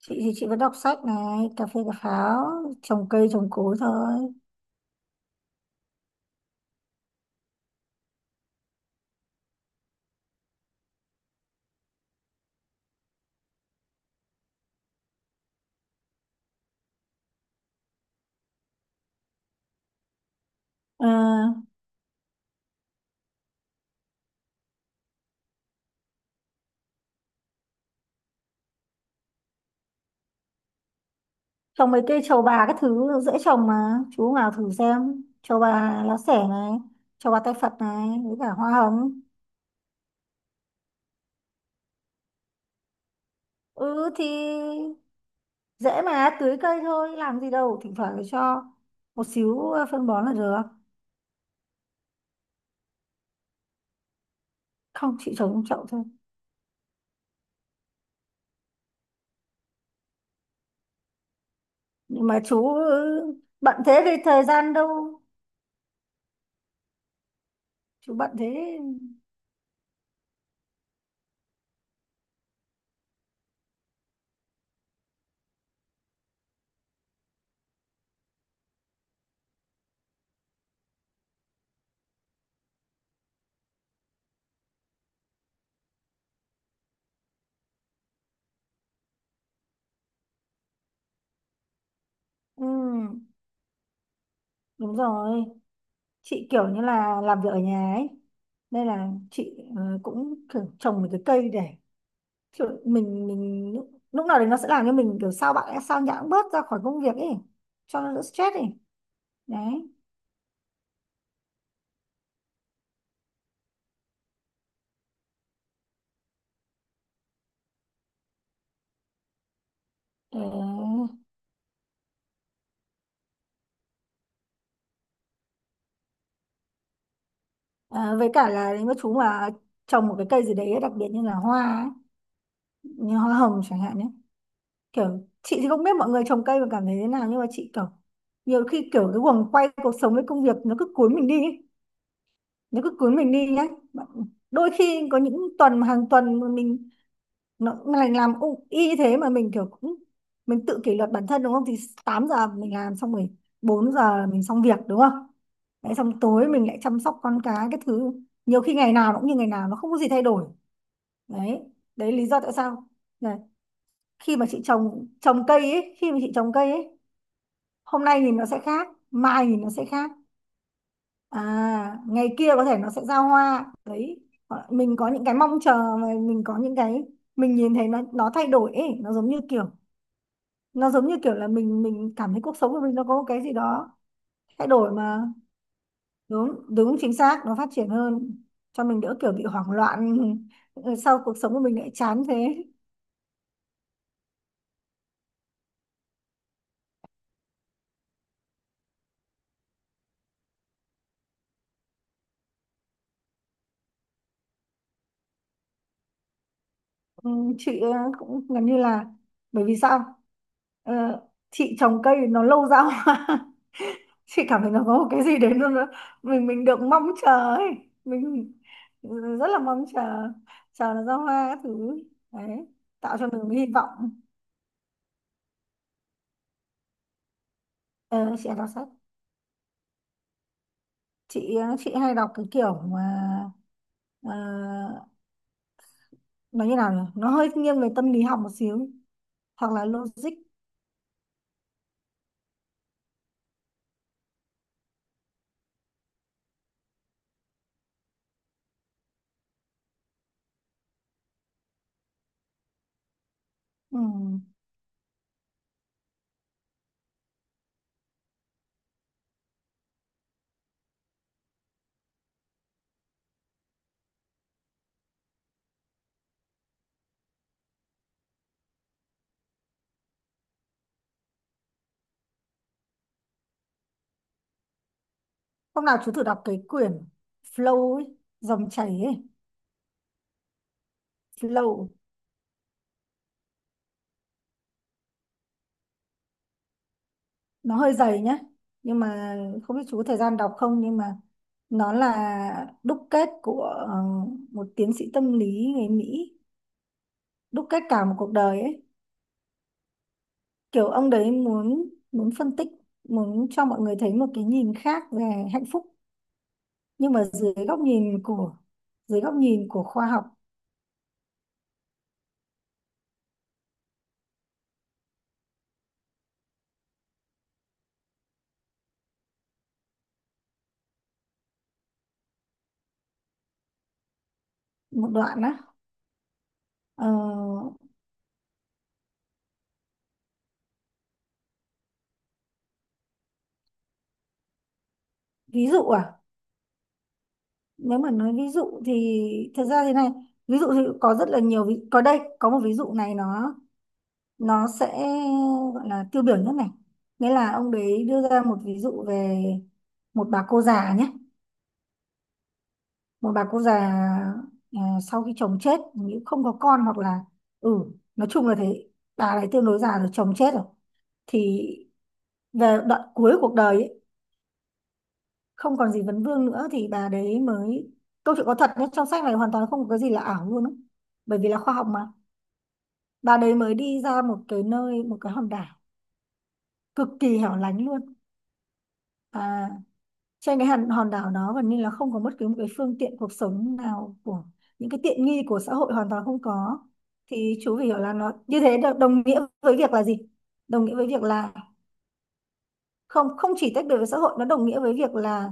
Chị thì chị vẫn đọc sách này, cà phê cà pháo, trồng cây trồng cối thôi. Ờ, Trồng mấy cây trầu bà các thứ dễ trồng mà. Chú nào thử xem: trầu bà lá xẻ này, trầu bà tay Phật này, với cả hoa hồng. Ừ thì dễ mà, tưới cây thôi làm gì đâu. Thỉnh thoảng cho một xíu phân bón là được. Không, chị trồng trong chậu thôi. Nhưng mà chú bận thế thì thời gian đâu. Chú bận thế. Ừ, đúng rồi. Chị kiểu như là làm việc ở nhà ấy, nên là chị cũng kiểu trồng một cái cây để kiểu mình lúc lúc nào đấy nó sẽ làm cho mình kiểu sao nhãng bớt ra khỏi công việc ấy, cho nó đỡ stress ấy. Đấy. Ờ, với cả là nếu mà chú mà trồng một cái cây gì đấy đặc biệt như là hoa ấy, như hoa hồng chẳng hạn nhé. Kiểu chị thì không biết mọi người trồng cây mà cảm thấy thế nào, nhưng mà chị kiểu nhiều khi kiểu cái guồng quay cuộc sống với công việc nó cứ cuốn mình đi ấy. Nếu cứ cưới mình đi nhé. Đôi khi có những tuần mà hàng tuần mà mình, nó mình làm y thế mà mình kiểu cũng mình tự kỷ luật bản thân, đúng không? Thì 8 giờ mình làm xong rồi, 4 giờ mình xong việc, đúng không? Đấy, xong tối mình lại chăm sóc con cái thứ. Nhiều khi ngày nào nó cũng như ngày nào, nó không có gì thay đổi. Đấy, đấy lý do tại sao là, khi mà chị trồng cây ấy, hôm nay nhìn nó sẽ khác, mai nhìn nó sẽ khác. À, ngày kia có thể nó sẽ ra hoa. Đấy. Mình có những cái mong chờ, mà mình có những cái mình nhìn thấy nó thay đổi ấy. Nó giống như kiểu, là mình cảm thấy cuộc sống của mình nó có một cái gì đó thay đổi mà. Đúng đúng, chính xác, nó phát triển hơn, cho mình đỡ kiểu bị hoảng loạn. sau cuộc sống của mình lại chán thế. Ừ, chị cũng gần như là, bởi vì sao, Ờ, chị trồng cây nó lâu ra hoa. chị cảm thấy nó có một cái gì đấy, nó mình được mong chờ ấy, mình rất là mong chờ, chờ nó ra hoa các thứ. Đấy, tạo cho mình hy vọng. Ờ, chị hay đọc sách. Chị chị hay đọc cái kiểu mà, ờ, nó như nào nhỉ, nó hơi nghiêng về tâm lý học một xíu, hoặc là logic. Ừ. Hôm nào chú thử đọc cái quyển Flow ấy, dòng chảy ấy. Flow. Nó hơi dày nhé, nhưng mà không biết chú có thời gian đọc không. Nhưng mà nó là đúc kết của một tiến sĩ tâm lý người Mỹ, đúc kết cả một cuộc đời ấy. Kiểu ông đấy muốn muốn phân tích, muốn cho mọi người thấy một cái nhìn khác về hạnh phúc, nhưng mà dưới góc nhìn của, khoa học. Một đoạn á? Ờ, ví dụ à? Nếu mà nói ví dụ thì thật ra thế này. Ví dụ thì có rất là nhiều có đây, có một ví dụ này nó sẽ gọi là tiêu biểu nhất này. Nghĩa là ông đấy đưa ra một ví dụ về một bà cô già nhé. Một bà cô già, à, sau khi chồng chết, nếu không có con, hoặc là ừ nói chung là thế. Bà ấy tương đối già rồi, chồng chết rồi, thì về đoạn cuối cuộc đời ấy, không còn gì vấn vương nữa thì bà đấy mới... Câu chuyện có thật nhé, trong sách này hoàn toàn không có cái gì là ảo luôn ấy, bởi vì là khoa học mà. Bà đấy mới đi ra một cái nơi, một cái hòn đảo cực kỳ hẻo lánh luôn. Trên cái hòn hòn đảo đó, gần như là không có bất cứ một cái phương tiện cuộc sống nào của, những cái tiện nghi của xã hội hoàn toàn không có. Thì chú phải hiểu là nó như thế đồng nghĩa với việc là gì? Đồng nghĩa với việc là không không chỉ tách biệt với xã hội, nó đồng nghĩa với việc là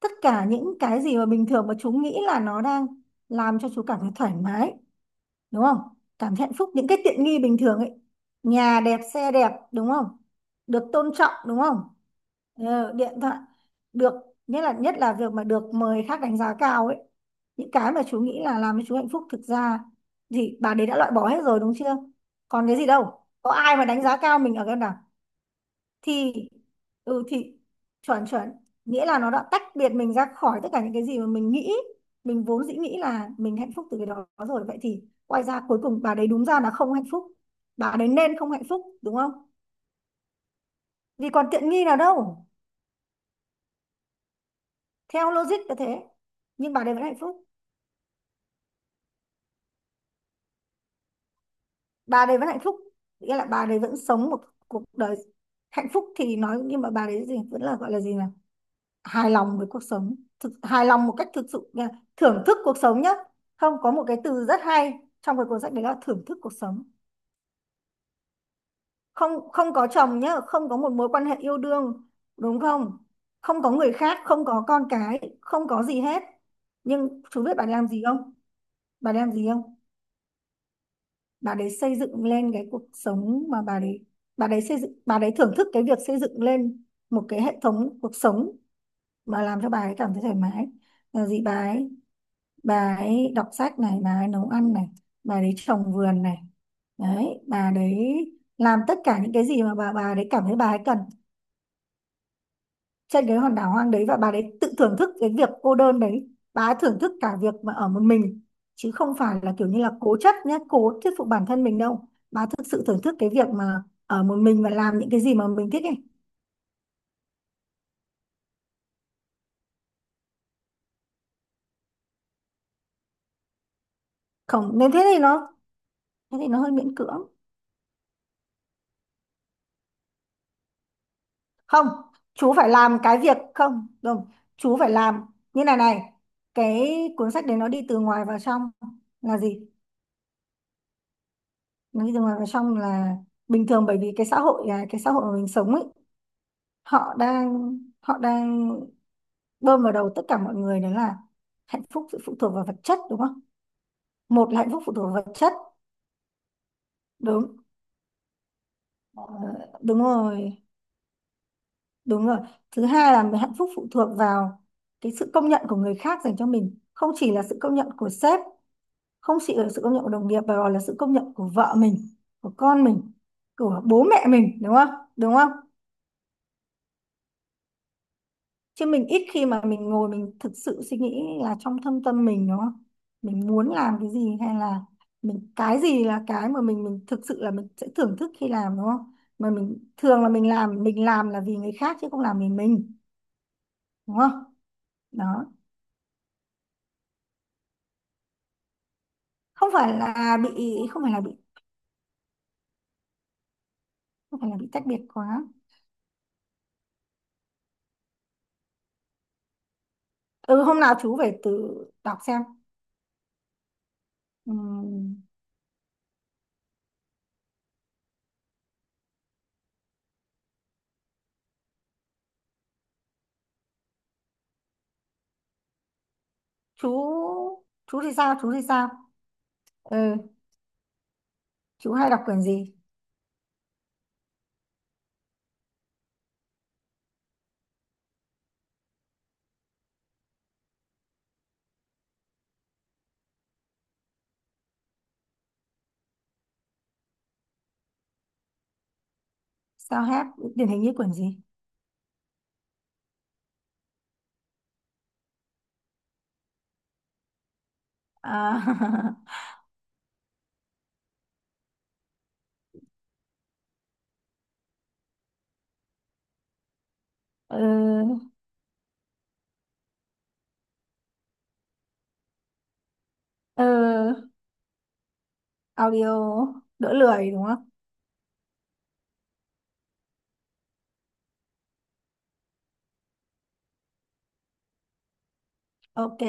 tất cả những cái gì mà bình thường mà chú nghĩ là nó đang làm cho chú cảm thấy thoải mái, đúng không, cảm thấy hạnh phúc. Những cái tiện nghi bình thường ấy, nhà đẹp, xe đẹp, đúng không, được tôn trọng, đúng không? Điện thoại, được... Nhất là việc mà được mời khác đánh giá cao ấy, những cái mà chú nghĩ là làm cho chú hạnh phúc, thực ra thì bà đấy đã loại bỏ hết rồi, đúng chưa? Còn cái gì đâu, có ai mà đánh giá cao mình ở cái nào. Thì ừ thì chuẩn, chuẩn. Nghĩa là nó đã tách biệt mình ra khỏi tất cả những cái gì mà mình nghĩ, mình vốn dĩ nghĩ là mình hạnh phúc từ cái đó rồi. Vậy thì quay ra cuối cùng bà đấy đúng ra là không hạnh phúc, bà đấy nên không hạnh phúc, đúng không? Vì còn tiện nghi nào đâu. Theo logic là thế. Nhưng bà đấy vẫn hạnh phúc. Bà đấy vẫn hạnh phúc, nghĩa là bà đấy vẫn sống một cuộc đời hạnh phúc thì nói. Nhưng mà bà đấy gì vẫn là, gọi là gì nhỉ, hài lòng với cuộc sống. Hài lòng một cách thực sự nha. Thưởng thức cuộc sống nhá. Không, có một cái từ rất hay trong cái cuốn sách đấy là thưởng thức cuộc sống. Không, không có chồng nhá, không có một mối quan hệ yêu đương, đúng không? Không có người khác, không có con cái, không có gì hết. Nhưng chú biết bà làm gì không? Bà làm gì không? Bà đấy xây dựng lên cái cuộc sống mà bà đấy, bà đấy xây dựng, bà đấy thưởng thức cái việc xây dựng lên một cái hệ thống cuộc sống mà làm cho bà ấy cảm thấy thoải mái, là gì? Bà ấy, bà ấy đọc sách này, bà ấy nấu ăn này, bà ấy trồng vườn này. Đấy, bà đấy làm tất cả những cái gì mà bà đấy cảm thấy bà ấy cần trên cái hòn đảo hoang đấy. Và bà đấy tự thưởng thức cái việc cô đơn đấy, bà ấy thưởng thức cả việc mà ở một mình. Chứ không phải là kiểu như là cố chấp nhé, cố thuyết phục bản thân mình đâu. Bà thực sự thưởng thức cái việc mà ở một mình và làm những cái gì mà mình thích ấy. Không nên thế thì nó hơi miễn cưỡng. Không, chú phải làm cái việc không, đúng. Chú phải làm như này này. Cái cuốn sách đấy nó đi từ ngoài vào trong là gì? Nó đi từ ngoài vào trong là, bình thường bởi vì cái xã hội, cái xã hội mà mình sống ấy, họ đang, bơm vào đầu tất cả mọi người đấy là: hạnh phúc sự phụ thuộc vào vật chất, đúng không? Một là hạnh phúc phụ thuộc vào vật chất. Đúng. Ờ, Đúng rồi, đúng rồi. Thứ hai là hạnh phúc phụ thuộc vào cái sự công nhận của người khác dành cho mình, không chỉ là sự công nhận của sếp, không chỉ là sự công nhận của đồng nghiệp, mà còn là sự công nhận của vợ mình, của con mình, của bố mẹ mình, đúng không? Đúng không? Chứ mình ít khi mà mình ngồi mình thực sự suy nghĩ là trong thâm tâm mình, đúng không, mình muốn làm cái gì, hay là mình, cái gì là cái mà mình thực sự là mình sẽ thưởng thức khi làm, đúng không? Mà mình thường là mình làm, mình làm là vì người khác chứ không làm vì mình, đúng không? Đó. không phải là bị không phải là bị không phải là bị tách biệt quá. Ừ, hôm nào chú phải tự đọc xem. Ừ, chú chú thì sao? Chú thì sao? Ừ, chú hay đọc quyển gì? Sao hết? Điển hình như quyển gì? À. ừ, ừ, audio đỡ lười đúng không? Ok.